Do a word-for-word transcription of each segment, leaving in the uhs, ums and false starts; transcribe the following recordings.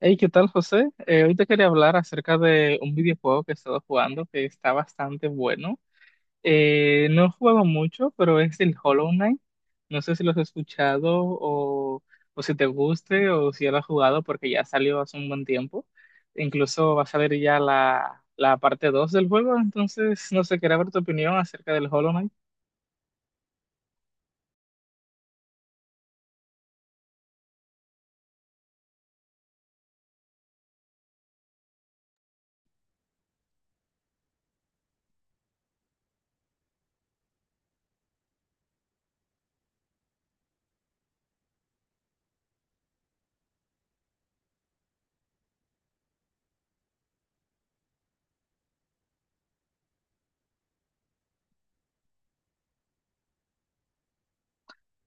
Hey, ¿qué tal, José? Eh, hoy te quería hablar acerca de un videojuego que he estado jugando que está bastante bueno. Eh, no he jugado mucho, pero es el Hollow Knight. No sé si lo has escuchado o, o si te guste o si ya lo has jugado porque ya salió hace un buen tiempo. Incluso va a salir ya la, la parte dos del juego, entonces no sé, quería ver tu opinión acerca del Hollow Knight.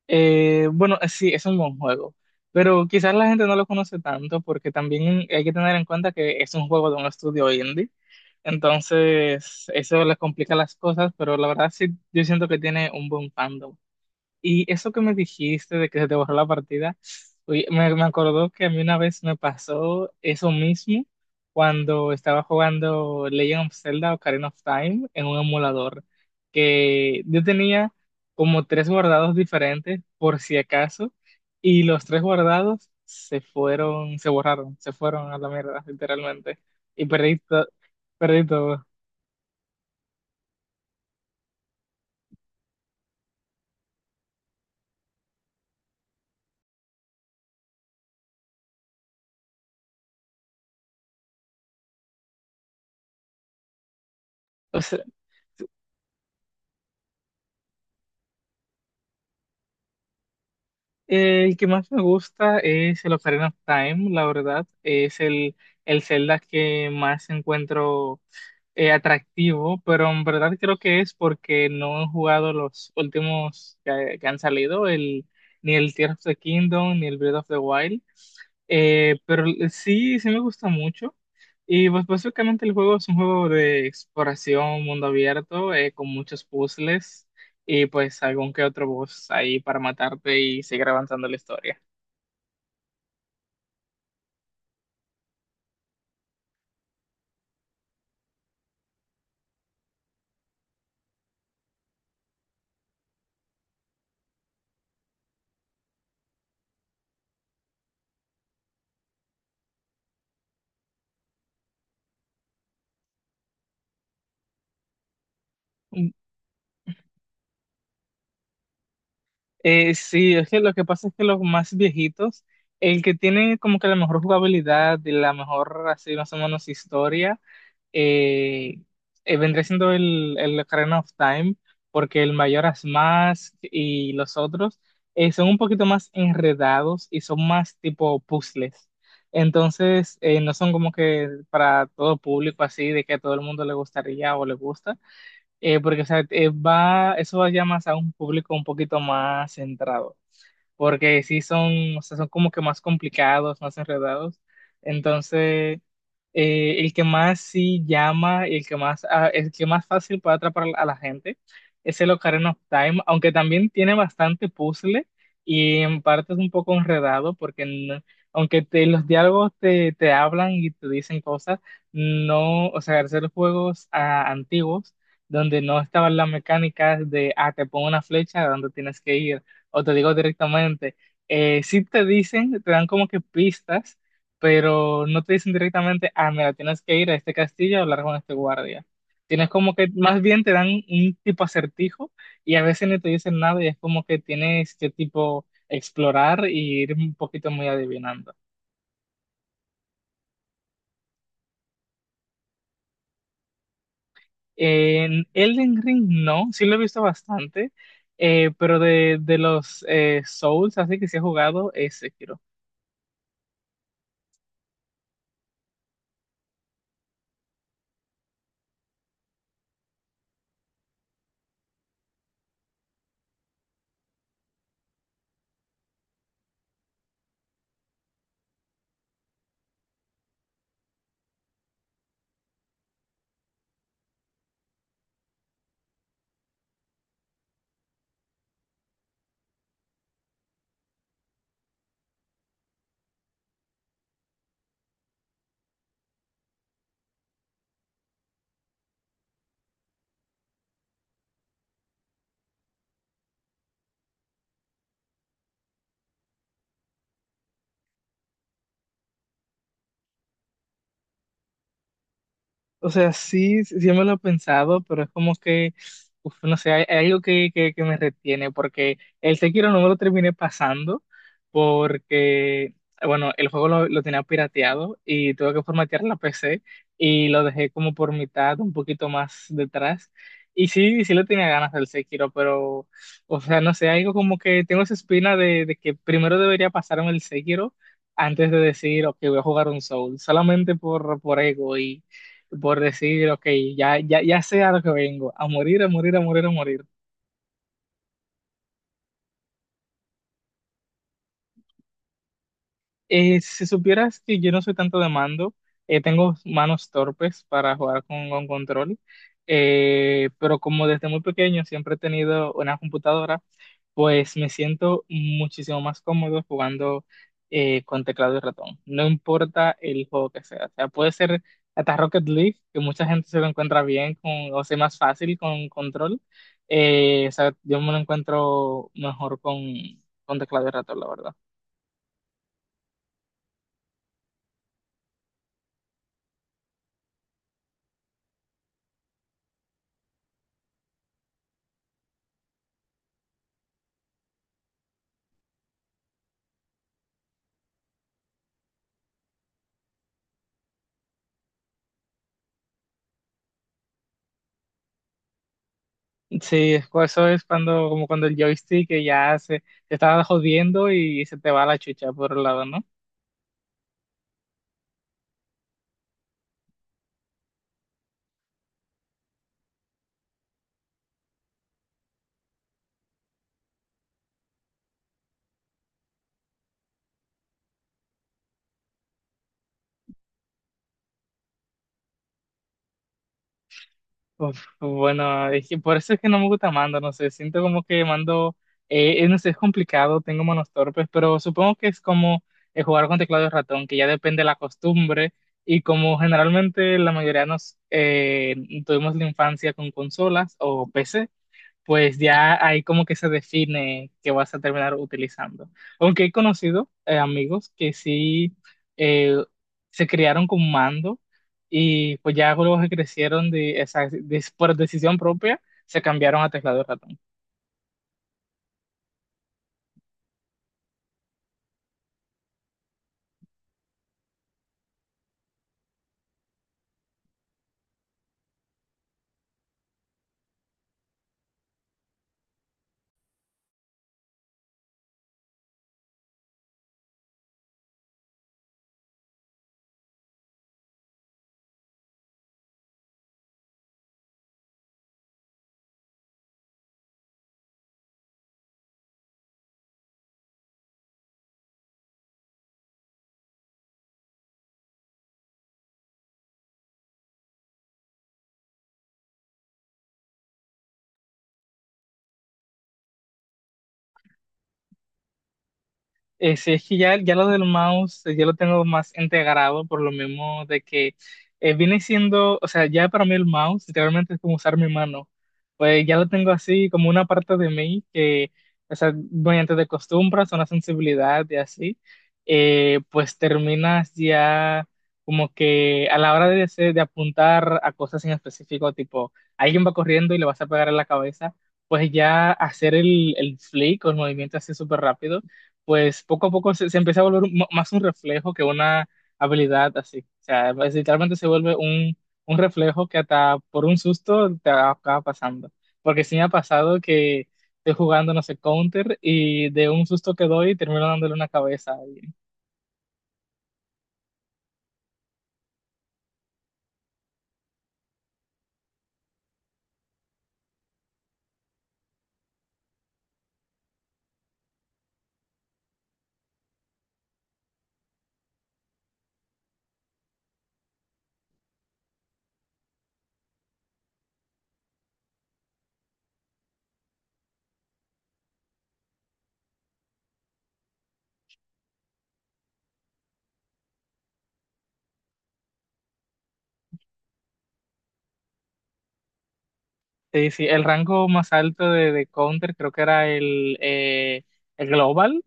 Eh, bueno, eh, sí, es un buen juego, pero quizás la gente no lo conoce tanto porque también hay que tener en cuenta que es un juego de un estudio indie, entonces eso les complica las cosas, pero la verdad sí, yo siento que tiene un buen fandom. Y eso que me dijiste de que se te borró la partida, oye, me, me acordó que a mí una vez me pasó eso mismo cuando estaba jugando Legend of Zelda Ocarina of Time en un emulador, que yo tenía como tres guardados diferentes por si acaso, y los tres guardados se fueron, se borraron, se fueron a la mierda, literalmente, y perdí, to- perdí todo. O sea, Eh, el que más me gusta es el Ocarina of Time, la verdad. Es el, el Zelda que más encuentro eh, atractivo, pero en verdad creo que es porque no he jugado los últimos que, que han salido, el, ni el Tears of the Kingdom, ni el Breath of the Wild. Eh, pero sí, sí me gusta mucho. Y pues básicamente el juego es un juego de exploración, mundo abierto, eh, con muchos puzzles y pues algún que otro boss ahí para matarte y seguir avanzando la historia. Mm, eh, sí, es que lo que pasa es que los más viejitos, el que tiene como que la mejor jugabilidad y la mejor, así más o menos, historia, eh, eh, vendría siendo el, el Ocarina of Time, porque el Mayoras más y los otros eh, son un poquito más enredados y son más tipo puzzles. Entonces, eh, no son como que para todo público así, de que a todo el mundo le gustaría o le gusta, eh, porque o sea, eh, va, eso va ya más a un público un poquito más centrado porque sí son, o sea, son como que más complicados, más enredados. Entonces, eh, el que más sí llama y el que más, ah, el que más fácil puede atrapar a la gente es el Ocarina of Time, aunque también tiene bastante puzzle y en parte es un poco enredado porque no- aunque te- los diálogos te, te hablan y te dicen cosas, no, o sea, hacer juegos ah, antiguos donde no estaban las mecánicas de, ah, te pongo una flecha a dónde tienes que ir o te digo directamente, eh, sí te dicen, te dan como que pistas, pero no te dicen directamente, ah, mira, tienes que ir a este castillo a hablar con este guardia. Tienes como que, más bien te dan un tipo acertijo y a veces ni te dicen nada y es como que tienes que tipo explorar y ir un poquito muy adivinando. En Elden Ring no, sí lo he visto bastante, eh, pero de, de los eh, Souls, así que sí he jugado ese. O sea, sí, sí sí me lo he pensado, pero es como que, uf, no sé, hay, hay algo que, que, que me retiene, porque el Sekiro no me lo terminé pasando, porque, bueno, el juego lo, lo tenía pirateado y tuve que formatear la P C y lo dejé como por mitad, un poquito más detrás. Y sí, sí le tenía ganas del Sekiro, pero, o sea, no sé, algo como que tengo esa espina de, de que primero debería pasarme el Sekiro antes de decir, ok, voy a jugar un Soul, solamente por, por ego, por decir, ok, ya, ya, ya sé a lo que vengo, a morir, a morir, a morir, a morir. Eh, si supieras que yo no soy tanto de mando, eh, tengo manos torpes para jugar con, con control, eh, pero como desde muy pequeño siempre he tenido una computadora, pues me siento muchísimo más cómodo jugando eh, con teclado y ratón. No importa el juego que sea. O sea, puede ser hasta Rocket League, que mucha gente se lo encuentra bien con, o sea, más fácil con control. Eh, o sea, yo me lo encuentro mejor con, con teclado y ratón, la verdad. Sí, es- eso es cuando, como cuando el joystick que ya se, se está jodiendo y se te va la chucha por un lado, ¿no? Uf, bueno, es que por eso es que no me gusta Mando, no sé, siento como que Mando, eh, eh, no sé, es complicado, tengo manos torpes, pero supongo que es como eh, jugar con teclado y ratón, que ya depende de la costumbre, y como generalmente la mayoría nos eh, tuvimos la infancia con consolas o P C, pues ya ahí como que se define que vas a terminar utilizando. Aunque he conocido eh, amigos que sí eh, se criaron con mando y pues ya luego que crecieron de, esa, de- por decisión propia, se cambiaron a teclado y ratón. Eh, sí, es que ya, ya lo del mouse, eh, ya lo tengo más integrado por lo mismo de que eh, viene siendo, o sea, ya para mí el mouse literalmente es como usar mi mano. Pues ya lo tengo así como una parte de mí que, o sea, mediante de costumbres, una sensibilidad y así, eh, pues terminas ya como que a la hora de, hacer- de apuntar a cosas en específico, tipo, alguien va corriendo y le vas a pegar en la cabeza, pues ya hacer el, el flick o el movimiento así súper rápido, pues poco a poco se, se empieza a volver un- más un reflejo que una habilidad así. O sea, pues, literalmente se vuelve un, un reflejo que hasta por un susto te acaba pasando. Porque sí me ha pasado que estoy jugando, no sé, counter y de un susto que doy termino dándole una cabeza a alguien. Sí, sí, el rango más alto de, de counter creo que era el, eh, el global.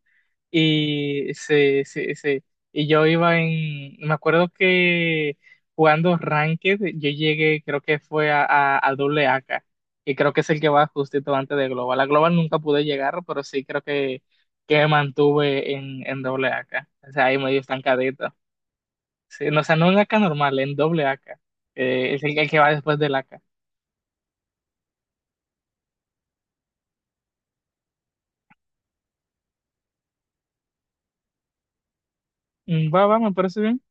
Y, se, se, se- y yo iba en, me acuerdo que jugando Ranked, yo llegué, creo que fue a, a, a doble A K, que creo que es el que va justito antes de Global. A Global nunca pude llegar, pero sí creo que, que me mantuve en, en doble A K. O sea, ahí medio estancadito. Sí, no, o sea, no en A K normal, en doble A K. Eh, es el, el que va después del A K. Mm, Va, va, me parece bien.